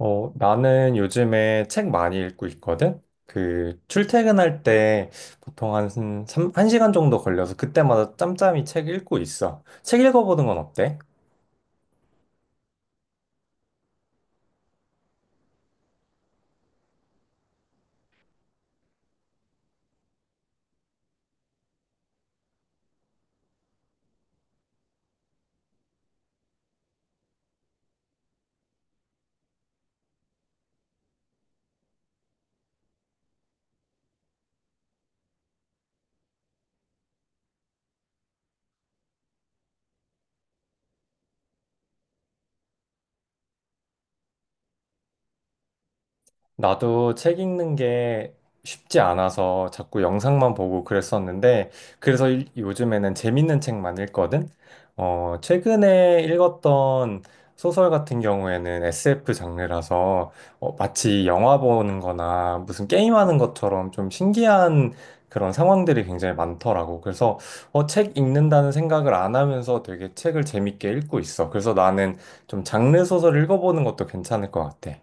나는 요즘에 책 많이 읽고 있거든? 그, 출퇴근할 때 보통 한, 한 시간 정도 걸려서 그때마다 짬짬이 책 읽고 있어. 책 읽어보는 건 어때? 나도 책 읽는 게 쉽지 않아서 자꾸 영상만 보고 그랬었는데, 그래서 요즘에는 재밌는 책만 읽거든? 최근에 읽었던 소설 같은 경우에는 SF 장르라서 마치 영화 보는 거나 무슨 게임하는 것처럼 좀 신기한 그런 상황들이 굉장히 많더라고. 그래서 책 읽는다는 생각을 안 하면서 되게 책을 재밌게 읽고 있어. 그래서 나는 좀 장르 소설 읽어보는 것도 괜찮을 것 같아.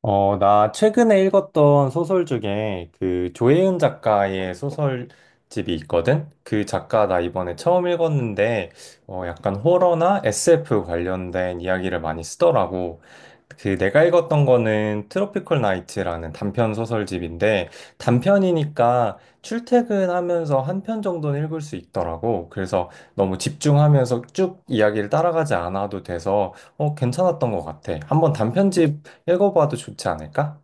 나 최근에 읽었던 소설 중에 그 조혜은 작가의 소설집이 있거든? 그 작가 나 이번에 처음 읽었는데, 약간 호러나 SF 관련된 이야기를 많이 쓰더라고. 그 내가 읽었던 거는 트로피컬 나이트라는 단편 소설집인데, 단편이니까 출퇴근하면서 한 편 정도는 읽을 수 있더라고. 그래서 너무 집중하면서 쭉 이야기를 따라가지 않아도 돼서, 괜찮았던 것 같아. 한번 단편집 읽어봐도 좋지 않을까?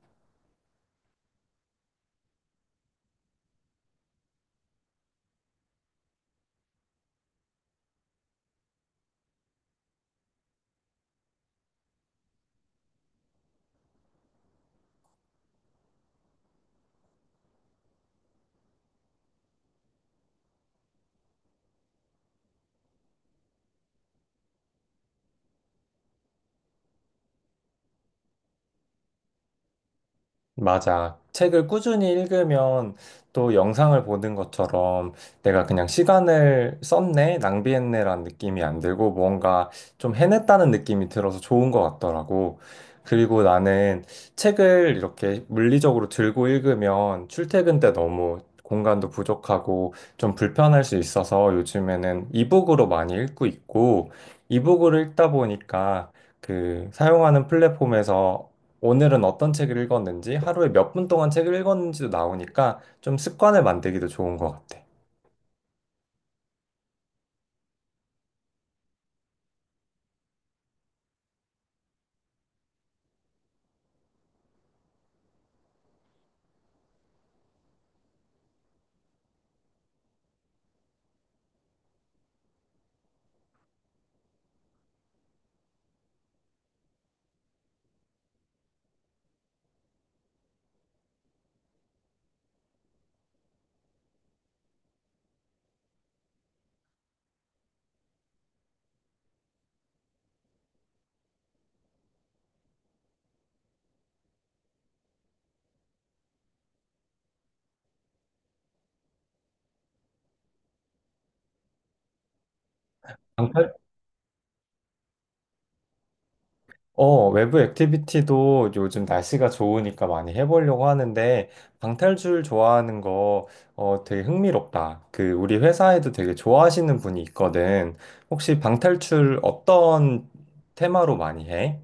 맞아. 책을 꾸준히 읽으면 또 영상을 보는 것처럼 내가 그냥 시간을 썼네, 낭비했네라는 느낌이 안 들고 뭔가 좀 해냈다는 느낌이 들어서 좋은 것 같더라고. 그리고 나는 책을 이렇게 물리적으로 들고 읽으면 출퇴근 때 너무 공간도 부족하고 좀 불편할 수 있어서 요즘에는 이북으로 많이 읽고 있고 이북으로 읽다 보니까 그 사용하는 플랫폼에서 오늘은 어떤 책을 읽었는지, 하루에 몇 분 동안 책을 읽었는지도 나오니까 좀 습관을 만들기도 좋은 것 같아. 방팔? 외부 액티비티도 요즘 날씨가 좋으니까 많이 해보려고 하는데, 방탈출 좋아하는 거 되게 흥미롭다. 그, 우리 회사에도 되게 좋아하시는 분이 있거든. 혹시 방탈출 어떤 테마로 많이 해?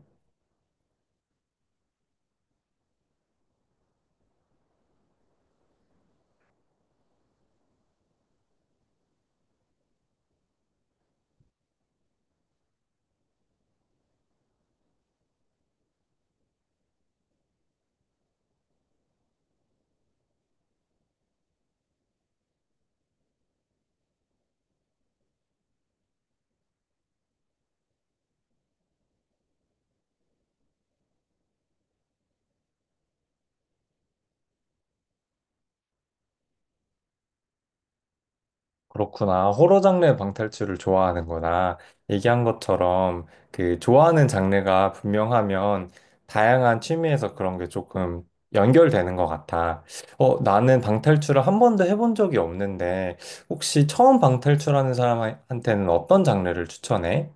그렇구나. 호러 장르 방탈출을 좋아하는구나. 얘기한 것처럼 그 좋아하는 장르가 분명하면 다양한 취미에서 그런 게 조금 연결되는 것 같아. 나는 방탈출을 한 번도 해본 적이 없는데 혹시 처음 방탈출하는 사람한테는 어떤 장르를 추천해?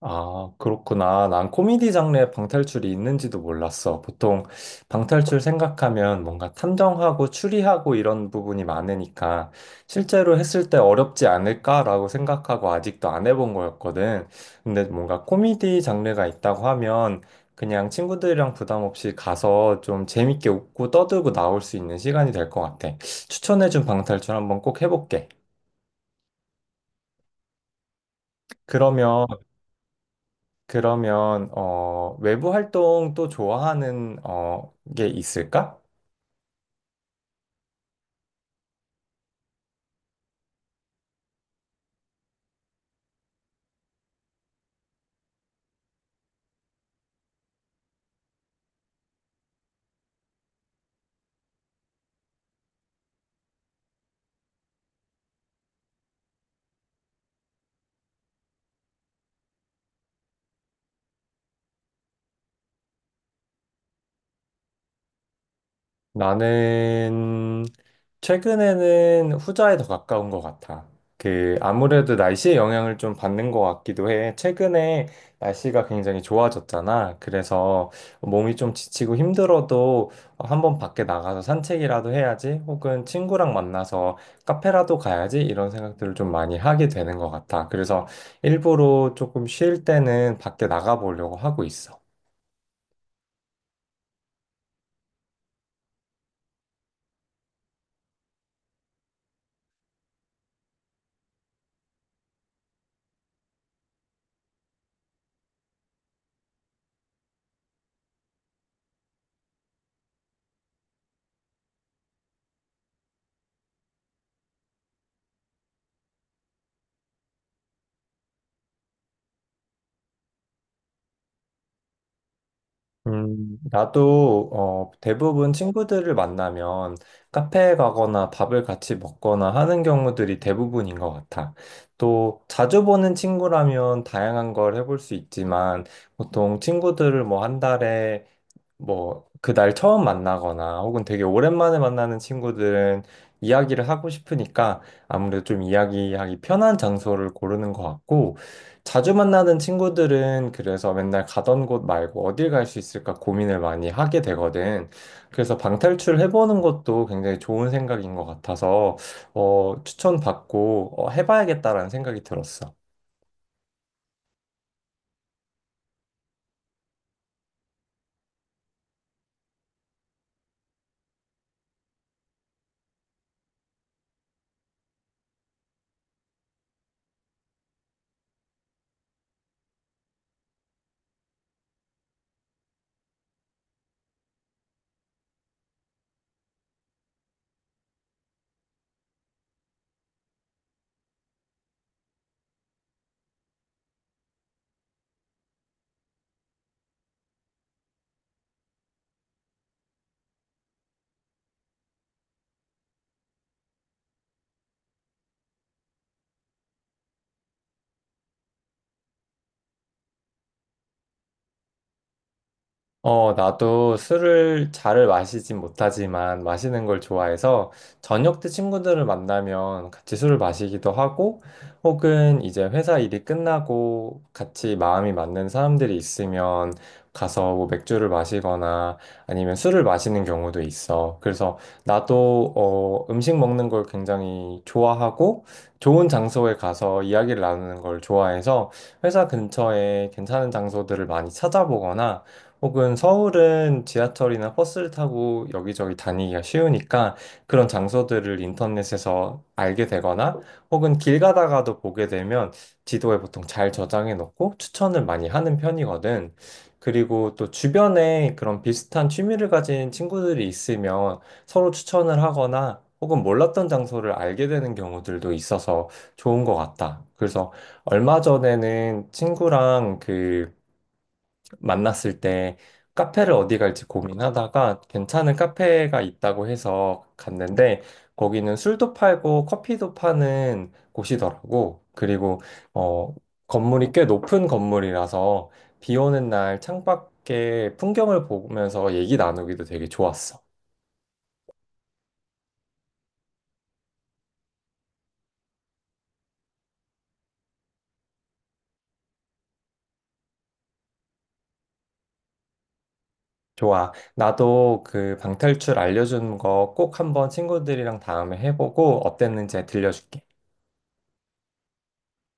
아, 그렇구나. 난 코미디 장르에 방탈출이 있는지도 몰랐어. 보통 방탈출 생각하면 뭔가 탐정하고 추리하고 이런 부분이 많으니까 실제로 했을 때 어렵지 않을까라고 생각하고 아직도 안 해본 거였거든. 근데 뭔가 코미디 장르가 있다고 하면 그냥 친구들이랑 부담 없이 가서 좀 재밌게 웃고 떠들고 나올 수 있는 시간이 될 것 같아. 추천해준 방탈출 한번 꼭 해볼게. 그러면 그러면 외부 활동 또 좋아하는 게 있을까? 나는 최근에는 후자에 더 가까운 것 같아. 그, 아무래도 날씨의 영향을 좀 받는 것 같기도 해. 최근에 날씨가 굉장히 좋아졌잖아. 그래서 몸이 좀 지치고 힘들어도 한 번 밖에 나가서 산책이라도 해야지, 혹은 친구랑 만나서 카페라도 가야지, 이런 생각들을 좀 많이 하게 되는 것 같아. 그래서 일부러 조금 쉴 때는 밖에 나가보려고 하고 있어. 나도 대부분 친구들을 만나면 카페에 가거나 밥을 같이 먹거나 하는 경우들이 대부분인 것 같아. 또 자주 보는 친구라면 다양한 걸 해볼 수 있지만 보통 친구들을 뭐 한 달에 뭐, 그 날 처음 만나거나 혹은 되게 오랜만에 만나는 친구들은 이야기를 하고 싶으니까 아무래도 좀 이야기하기 편한 장소를 고르는 것 같고, 자주 만나는 친구들은 그래서 맨날 가던 곳 말고 어딜 갈 수 있을까 고민을 많이 하게 되거든. 그래서 방탈출 해보는 것도 굉장히 좋은 생각인 것 같아서, 추천받고, 해봐야겠다라는 생각이 들었어. 나도 술을 잘 마시진 못하지만 마시는 걸 좋아해서 저녁 때 친구들을 만나면 같이 술을 마시기도 하고 혹은 이제 회사 일이 끝나고 같이 마음이 맞는 사람들이 있으면 가서 뭐 맥주를 마시거나 아니면 술을 마시는 경우도 있어. 그래서 나도 음식 먹는 걸 굉장히 좋아하고 좋은 장소에 가서 이야기를 나누는 걸 좋아해서 회사 근처에 괜찮은 장소들을 많이 찾아보거나 혹은 서울은 지하철이나 버스를 타고 여기저기 다니기가 쉬우니까 그런 장소들을 인터넷에서 알게 되거나 혹은 길 가다가도 보게 되면 지도에 보통 잘 저장해 놓고 추천을 많이 하는 편이거든. 그리고 또 주변에 그런 비슷한 취미를 가진 친구들이 있으면 서로 추천을 하거나 혹은 몰랐던 장소를 알게 되는 경우들도 있어서 좋은 것 같다. 그래서 얼마 전에는 친구랑 그 만났을 때 카페를 어디 갈지 고민하다가 괜찮은 카페가 있다고 해서 갔는데 거기는 술도 팔고 커피도 파는 곳이더라고. 그리고 어, 건물이 꽤 높은 건물이라서 비 오는 날 창밖에 풍경을 보면서 얘기 나누기도 되게 좋았어. 좋아. 나도 그 방탈출 알려준 거 꼭 한번 친구들이랑 다음에 해보고 어땠는지 들려줄게.